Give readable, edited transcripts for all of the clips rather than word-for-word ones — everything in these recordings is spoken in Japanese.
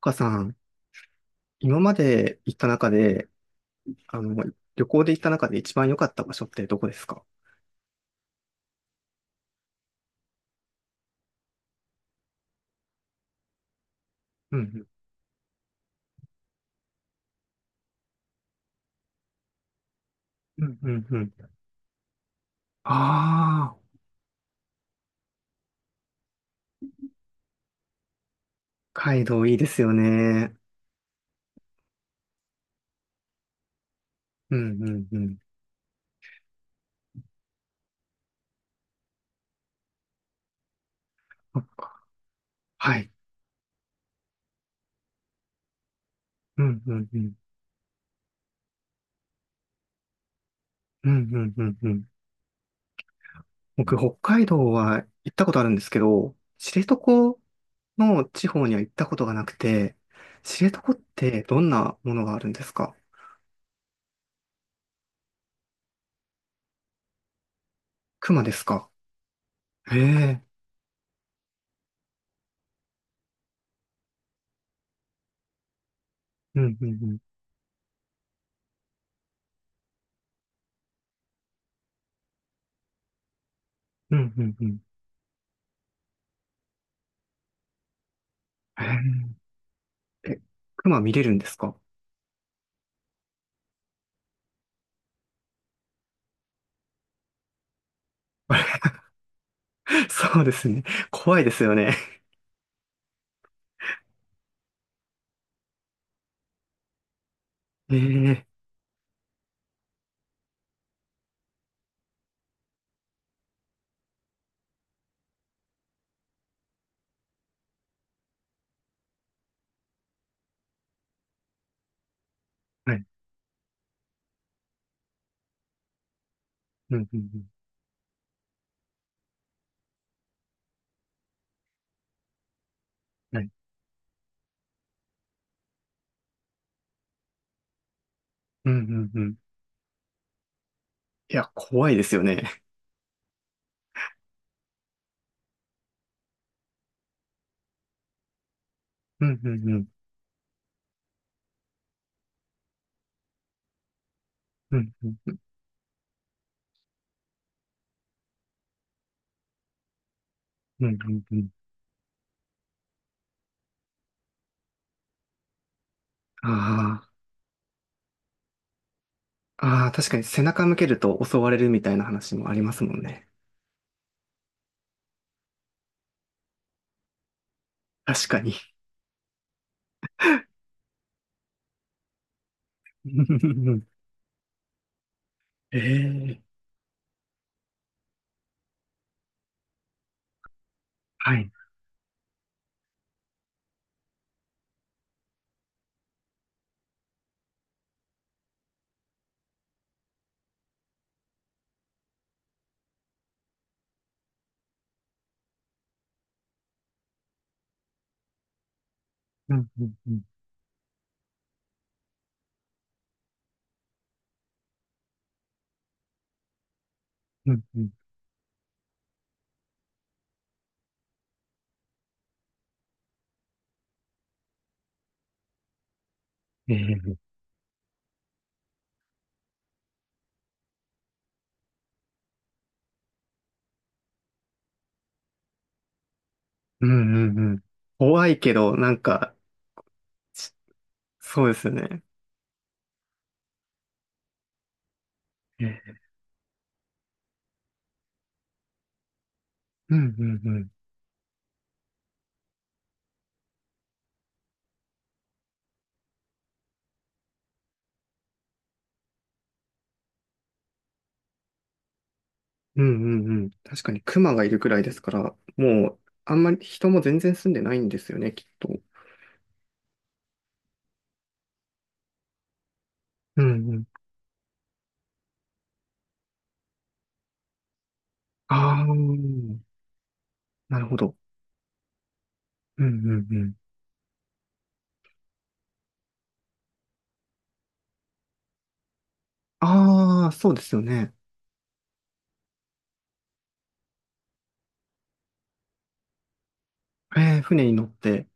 岡さん、今まで行った中で、あの、旅行で行った中で一番良かった場所ってどこですか？うんうん。うんうんうん。ああ、北海道いいですよね。うんうんうん。そっか。はい。うんうんうん。うんうんうんうん。僕、北海道は行ったことあるんですけど、知床の地方には行ったことがなくて、知床ってどんなものがあるんですか？熊ですか？へえ。うんうんうん。うんうんうん。へえ。え、熊見れるんですか？あれ そうですね。怖いですよね。ええ。はい。うん、うん、うん。はい。うん、うん、うん。いや、怖いですよね。うん、うん、うん。うん、うん、うん、うんうん。ああ。ああ、確かに背中向けると襲われるみたいな話もありますもんね。確かに。うんうんうん。ええ。はい。うんうんうんうんうん。ええ。うんうんうん。怖いけど、なんか、しそうですよね。ええ。うんうんうんうんうんうん。確かに熊がいるくらいですから、もう、あんまり人も全然住んでないんですよね、きっと。うんうん。ああ、なるほど。うんうんうん。ああ、そうですよね。えー、船に乗って。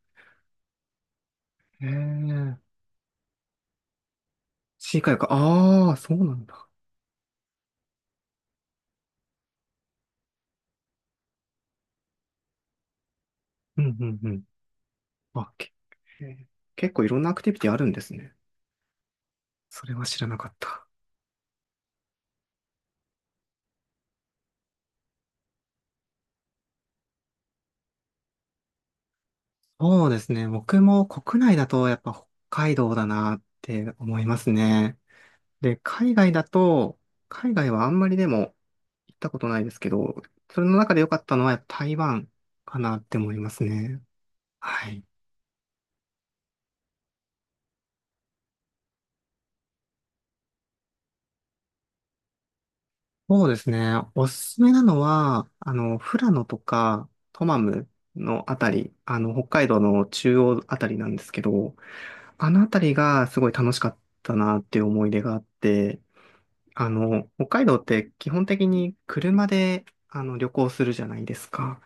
えー、シーカヤック。ああ、そうなんだ。うんうんうん。あ、け、えー結構いろんなアクティビティあるんですね。それは知らなかった。そうですね。僕も国内だとやっぱ北海道だなって思いますね。で、海外だと、海外はあんまりでも行ったことないですけど、それの中で良かったのはやっぱ台湾かなって思いますね。はい。そうですね。おすすめなのは、富良野とかトマムのあたり、北海道の中央あたりなんですけど、あのあたりがすごい楽しかったなっていう思い出があって、北海道って基本的に車で旅行するじゃないですか。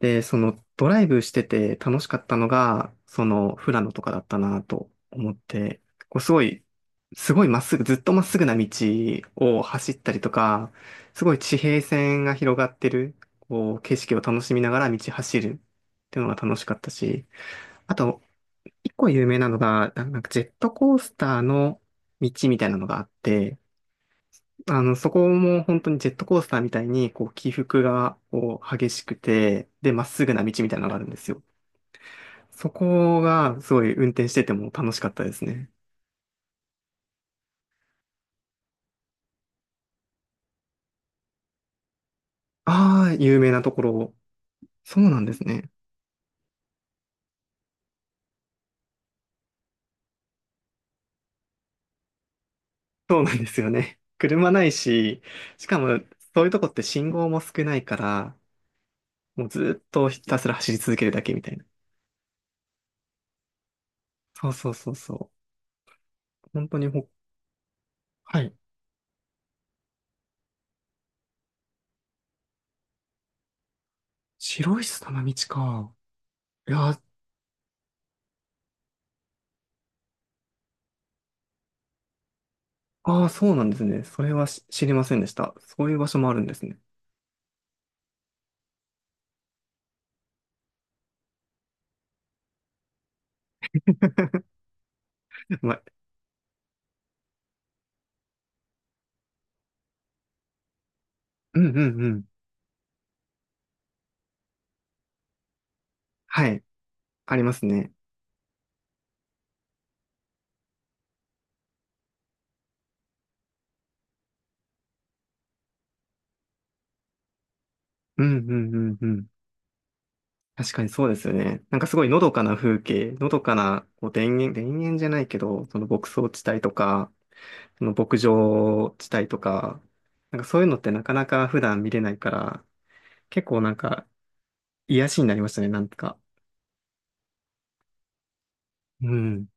で、そのドライブしてて楽しかったのが、その富良野とかだったなと思って、こうすごい、すごいまっすぐ、ずっとまっすぐな道を走ったりとか、すごい地平線が広がってる、こう景色を楽しみながら道走るっていうのが楽しかったし、あと、一個有名なのが、なんかジェットコースターの道みたいなのがあって、そこも本当にジェットコースターみたいに、こう、起伏が、こう、激しくて、で、まっすぐな道みたいなのがあるんですよ。そこが、すごい運転してても楽しかったですね。ああ、有名なところ。そうなんですね。そうなんですよね。車ないし、しかも、そういうとこって信号も少ないから、もうずっとひたすら走り続けるだけみたいな。そうそうそうそう。本当に。はい。白い砂の道か。いやー、ああ、そうなんですね。それは知りませんでした。そういう場所もあるんですね。ま、うんうんうん。はい。ありますね。うんうんうんうん。確かにそうですよね。なんかすごいのどかな風景、のどかなこう田園、田園じゃないけど、その牧草地帯とか、その牧場地帯とか、なんかそういうのってなかなか普段見れないから、結構なんか癒しになりましたね、なんとか。うん。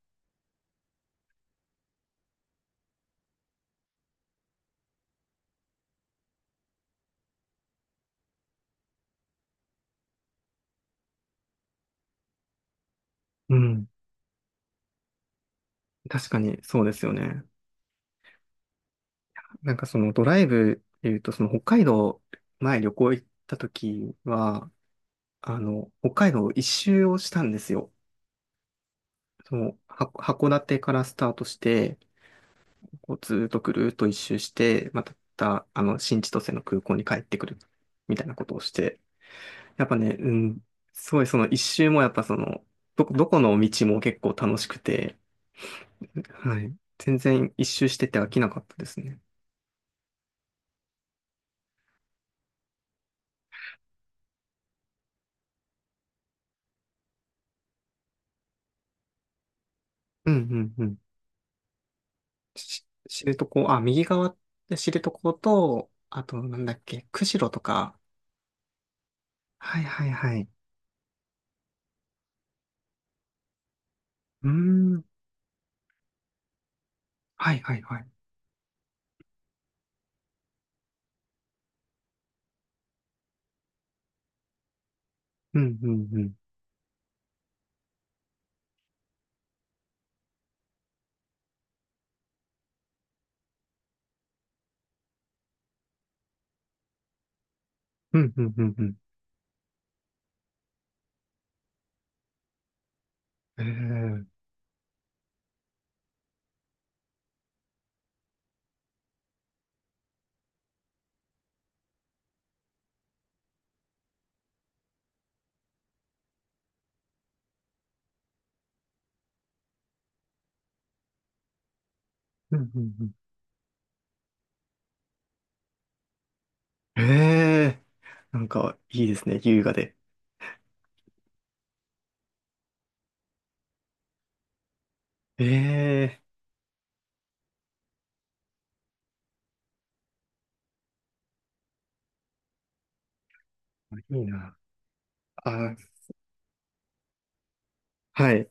うん。確かにそうですよね。なんかそのドライブっていうと、その北海道前旅行行った時は、北海道一周をしたんですよ。その、函館からスタートして、こうずーっとぐるーっと一周して、また、新千歳の空港に帰ってくるみたいなことをして、やっぱね、うん、すごいその一周もやっぱその、どこの道も結構楽しくて、はい。全然一周してて飽きなかったですね。うんうんうん。知床、あ、右側って知床と、あと、なんだっけ、釧路とか。はいはいはい。うーん。はいはいはい。うんうんうん。うんうんうんうん。ええー。うんうんうん。ええー。なんか、いいですね、優雅で。ええー。いいな。あ、はい。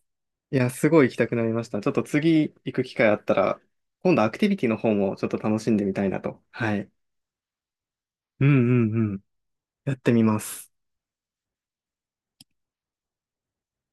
いや、すごい行きたくなりました。ちょっと次行く機会あったら、今度アクティビティの方もちょっと楽しんでみたいなと。はい。うんうんうん。やってみます。